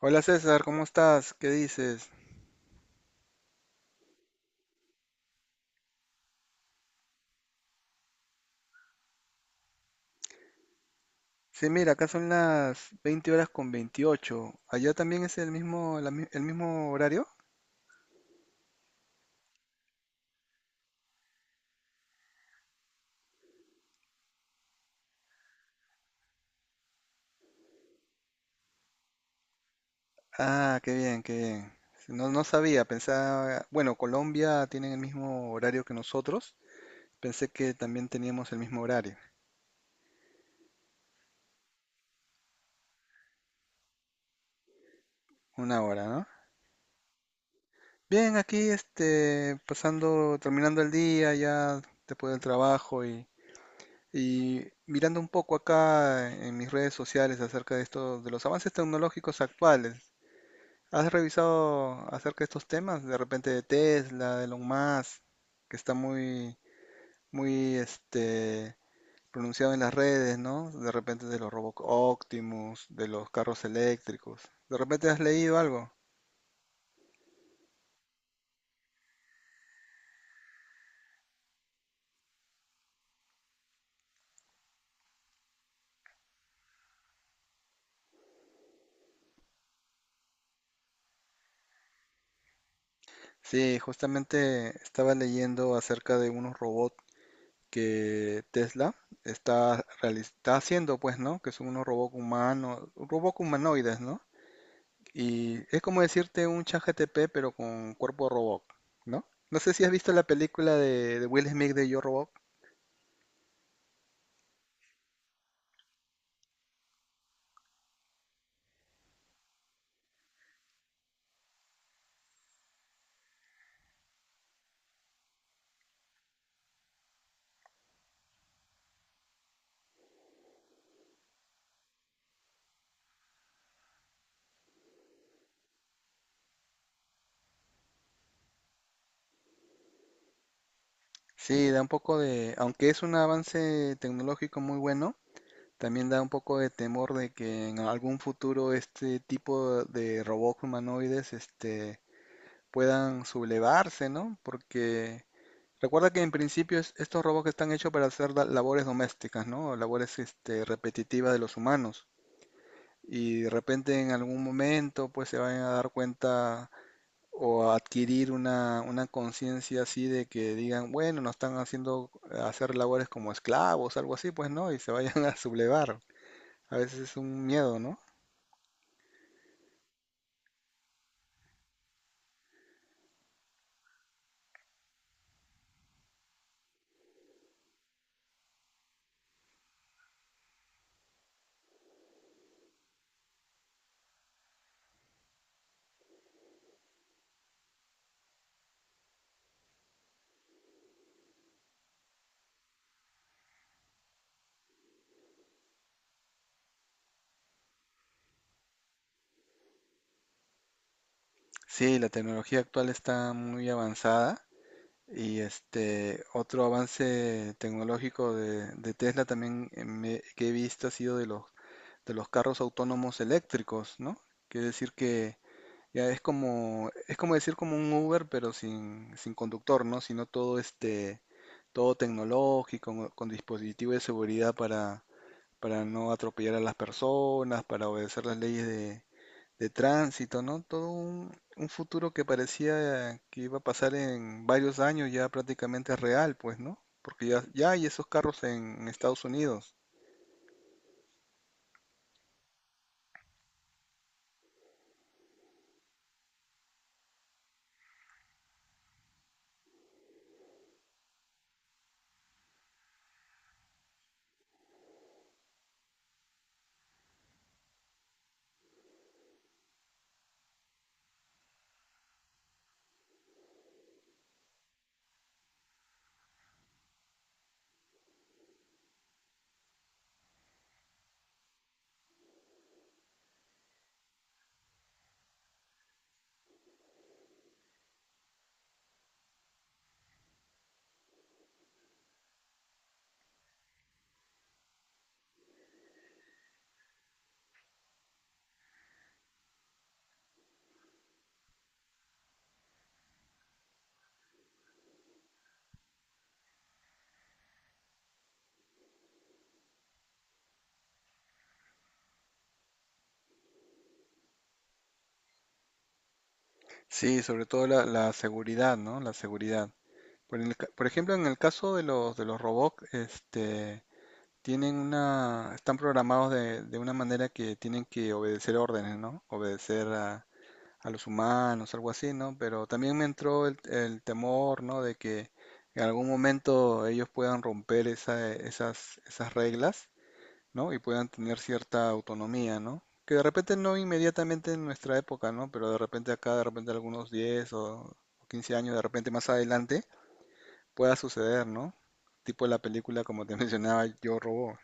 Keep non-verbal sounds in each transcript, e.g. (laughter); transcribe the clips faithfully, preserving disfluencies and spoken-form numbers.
Hola César, ¿cómo estás? ¿Qué dices? Sí, mira, acá son las veinte horas con veintiocho. ¿Allá también es el mismo, la mi- el mismo horario? Ah, qué bien, qué bien. No, no sabía, pensaba, bueno, Colombia tienen el mismo horario que nosotros. Pensé que también teníamos el mismo horario, una hora, ¿no? Bien, aquí este, pasando, terminando el día ya después del trabajo y, y mirando un poco acá en mis redes sociales acerca de esto, de los avances tecnológicos actuales. ¿Has revisado acerca de estos temas? De repente de Tesla, de Elon Musk, que está muy, muy este, pronunciado en las redes, ¿no? De repente de los Robot Optimus, de los carros eléctricos. ¿De repente has leído algo? Sí, justamente estaba leyendo acerca de unos robots que Tesla está, reali- está haciendo, pues, ¿no? Que son unos robots humanos, robots humanoides, ¿no? Y es como decirte un ChatGPT, pero con cuerpo robot, ¿no? No sé si has visto la película de, de Will Smith de Yo Robot. Sí, da un poco de, aunque es un avance tecnológico muy bueno, también da un poco de temor de que en algún futuro este tipo de robots humanoides, este, puedan sublevarse, ¿no? Porque recuerda que en principio es- estos robots están hechos para hacer la- labores domésticas, ¿no? Labores, este, repetitivas de los humanos. Y de repente en algún momento pues se van a dar cuenta o a adquirir una, una conciencia así de que digan, bueno, nos están haciendo hacer labores como esclavos, algo así, pues no, y se (laughs) vayan a sublevar. A veces es un miedo, ¿no? Sí, la tecnología actual está muy avanzada y este otro avance tecnológico de, de Tesla también eh, me- que he visto ha sido de los, de los carros autónomos eléctricos, ¿no? Quiere decir que Ya es como, es como, decir como un Uber, pero sin, sin conductor, ¿no? Sino todo este, todo tecnológico, con, con dispositivos de seguridad para, para no atropellar a las personas, para obedecer las leyes de, de tránsito, ¿no? Todo un, un futuro que parecía que iba a pasar en varios años ya prácticamente es real, pues, ¿no? Porque ya, ya hay esos carros en Estados Unidos. Sí, sobre todo la, la seguridad, ¿no? La seguridad. Por, el ca- por ejemplo, en el caso de los, de los robots, este, tienen una, están programados de, de una manera que tienen que obedecer órdenes, ¿no? Obedecer a, a los humanos, algo así, ¿no? Pero también me entró el, el temor, ¿no? De que en algún momento ellos puedan romper esa- esas, esas reglas, ¿no? Y puedan tener cierta autonomía, ¿no? Que de repente no inmediatamente en nuestra época, ¿no? Pero de repente acá, de repente algunos diez o quince años, de repente más adelante pueda suceder, ¿no? Tipo la película, como te (laughs) mencionaba, Yo Robot.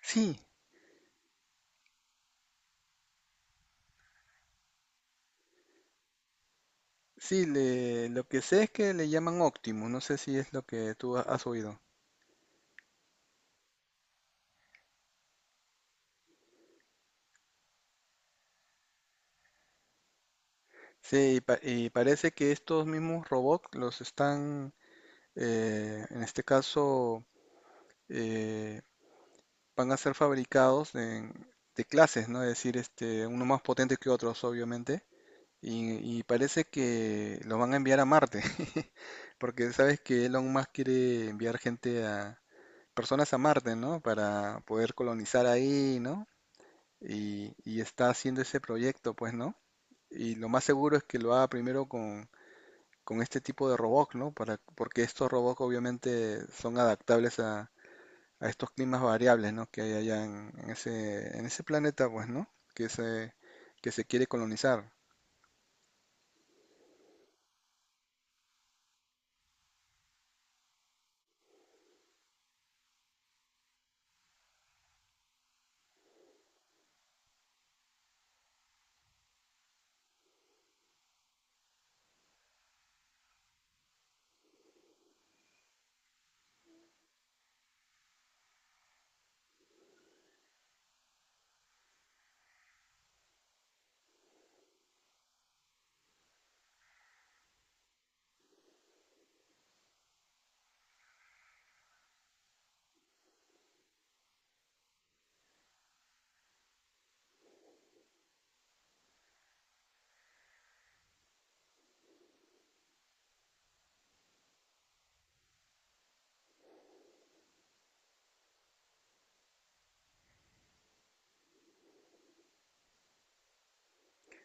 Sí, sí, le- lo que sé es que le llaman Optimus, no sé si es lo que tú ha- has oído. Sí, y, pa- y parece que estos mismos robots los están, eh, en este caso, eh, van a ser fabricados en- de clases, ¿no? Es decir, este, uno más potente que otros, obviamente. Y, y parece que los van a enviar a Marte, (laughs) porque sabes que Elon Musk quiere enviar gente personas a Marte, ¿no? Para poder colonizar ahí, ¿no? Y, y está haciendo ese proyecto, pues, ¿no? Y lo más seguro es que lo haga primero con, con este tipo de robots, ¿no? Para, porque estos robots obviamente son adaptables a, a estos climas variables, ¿no? Que hay allá en, en ese, en ese planeta, pues, ¿no? Que se, que se quiere colonizar.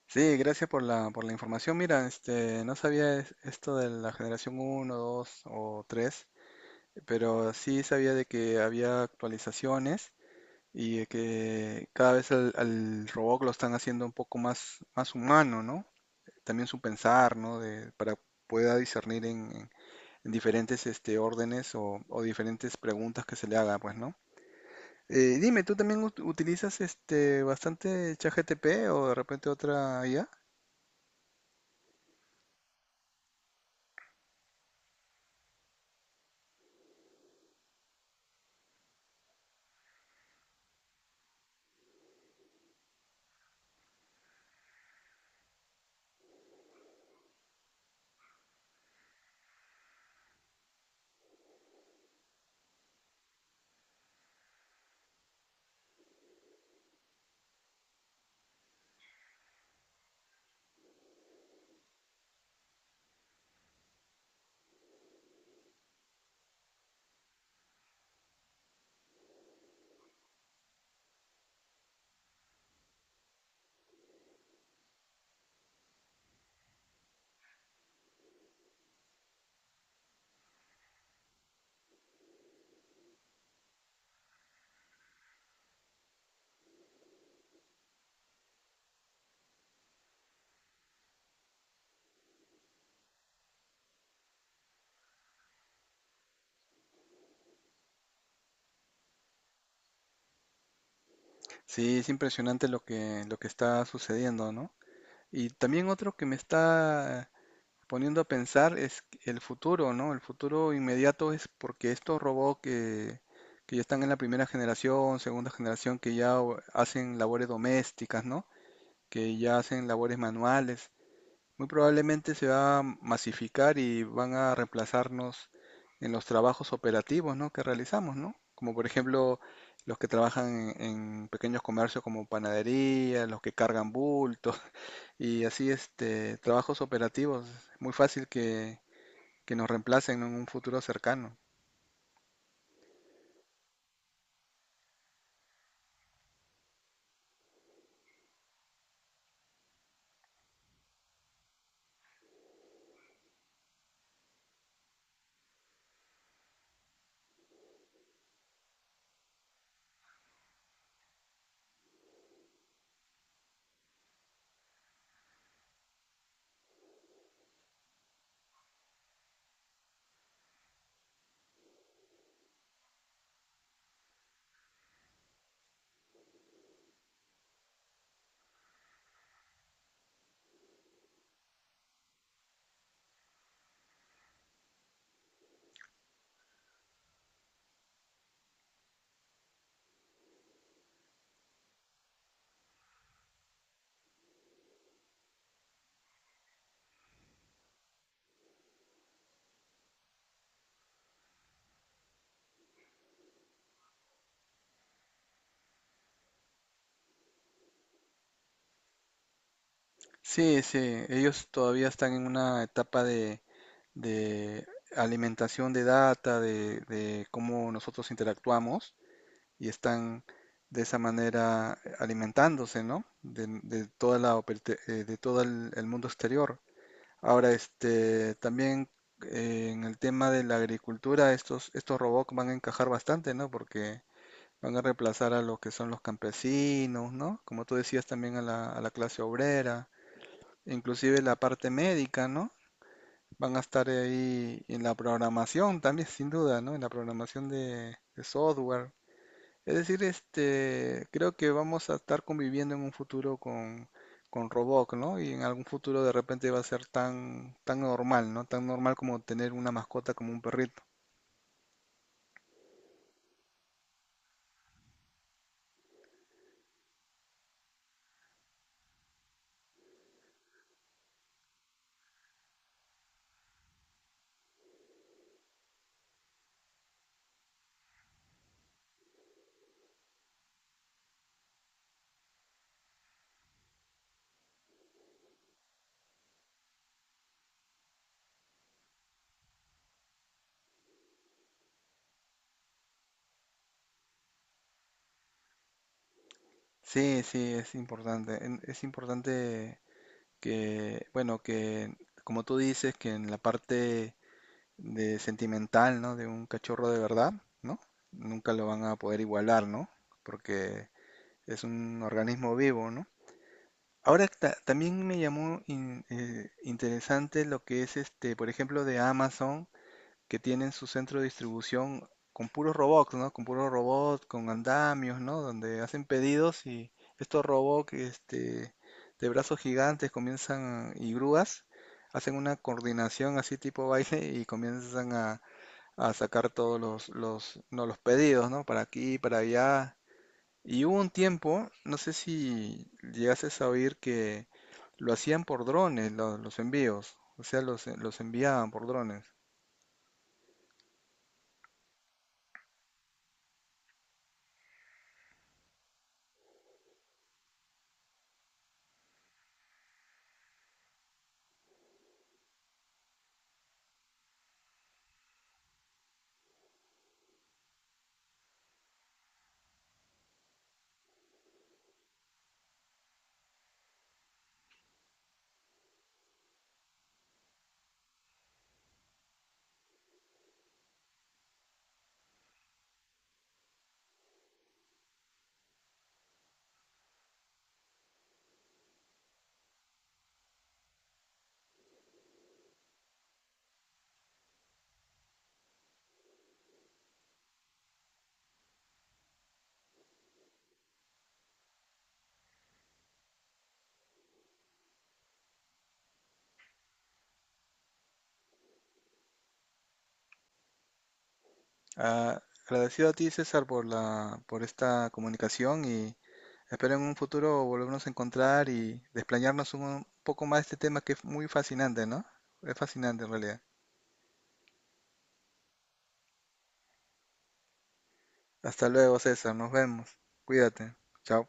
Sí, gracias por la, por la información. Mira, este, no sabía es- esto de la generación uno, dos o tres. Pero sí sabía de que había actualizaciones y de que cada vez al, al robot lo están haciendo un poco más, más humano, ¿no? También su pensar, ¿no? De, para pueda discernir en, en- en diferentes este, órdenes o, o diferentes preguntas que se le haga, pues, ¿no? Eh, dime, ¿tú también ut- utilizas este bastante ChatGPT o de repente otra I A? Sí, es impresionante lo que, lo que está sucediendo, ¿no? Y también otro que me está poniendo a pensar es el futuro, ¿no? El futuro inmediato es porque estos robots que, que ya están en la primera generación, segunda generación, que ya o- hacen labores domésticas, ¿no? Que ya hacen labores manuales, muy probablemente se va a masificar y van a reemplazarnos en los trabajos operativos, ¿no? Que realizamos, ¿no? Como por ejemplo los que trabajan en, en pequeños comercios como panadería, los que cargan bultos (laughs) y así este trabajos operativos. Es muy fácil que que nos reemplacen en un futuro cercano. Sí, sí, ellos todavía están en una etapa de, de alimentación de data, de, de cómo nosotros interactuamos y están de esa manera alimentándose, ¿no? De, de toda la, operte- eh, de todo el, el mundo exterior. Ahora, este, también eh, en el tema de la agricultura, estos, estos robots van a encajar bastante, ¿no? Porque Van a reemplazar a los que son los campesinos, ¿no? Como tú decías también a la, a la, clase obrera, inclusive la parte médica, ¿no? Van a estar ahí en la programación también, sin duda, ¿no? En la programación de, de software. Es decir, este, creo que vamos a estar conviviendo en un futuro con, con robots, ¿no? Y en algún futuro de repente va a ser tan, tan normal, ¿no? Tan normal como tener una mascota como un perrito. Sí, sí, es importante. en- Es importante que, bueno, que como tú dices, que en la parte de sentimental, ¿no? De un cachorro de verdad, ¿no? Nunca lo van a poder igualar, ¿no? Porque es un organismo vivo, ¿no? Ahora ta- también me llamó in- eh, interesante lo que es este, por ejemplo, de Amazon que tienen su centro de distribución con puros robots, ¿no? Con puros robots, con andamios, ¿no? Donde hacen pedidos y estos robots, este, de brazos gigantes comienzan y grúas, hacen una coordinación así tipo baile y comienzan a, a sacar todos los, los, no, los pedidos, ¿no? Para aquí, para allá. Y hubo un tiempo, no sé si llegases a oír que lo hacían por drones, lo- los envíos. O sea, los, los enviaban por drones. Ah, agradecido a ti, César, por la, por esta comunicación y espero en un futuro volvernos a encontrar y desplayarnos un poco más de este tema que es muy fascinante, ¿no? Es fascinante en realidad. Hasta luego, César, nos vemos. Cuídate. Chao.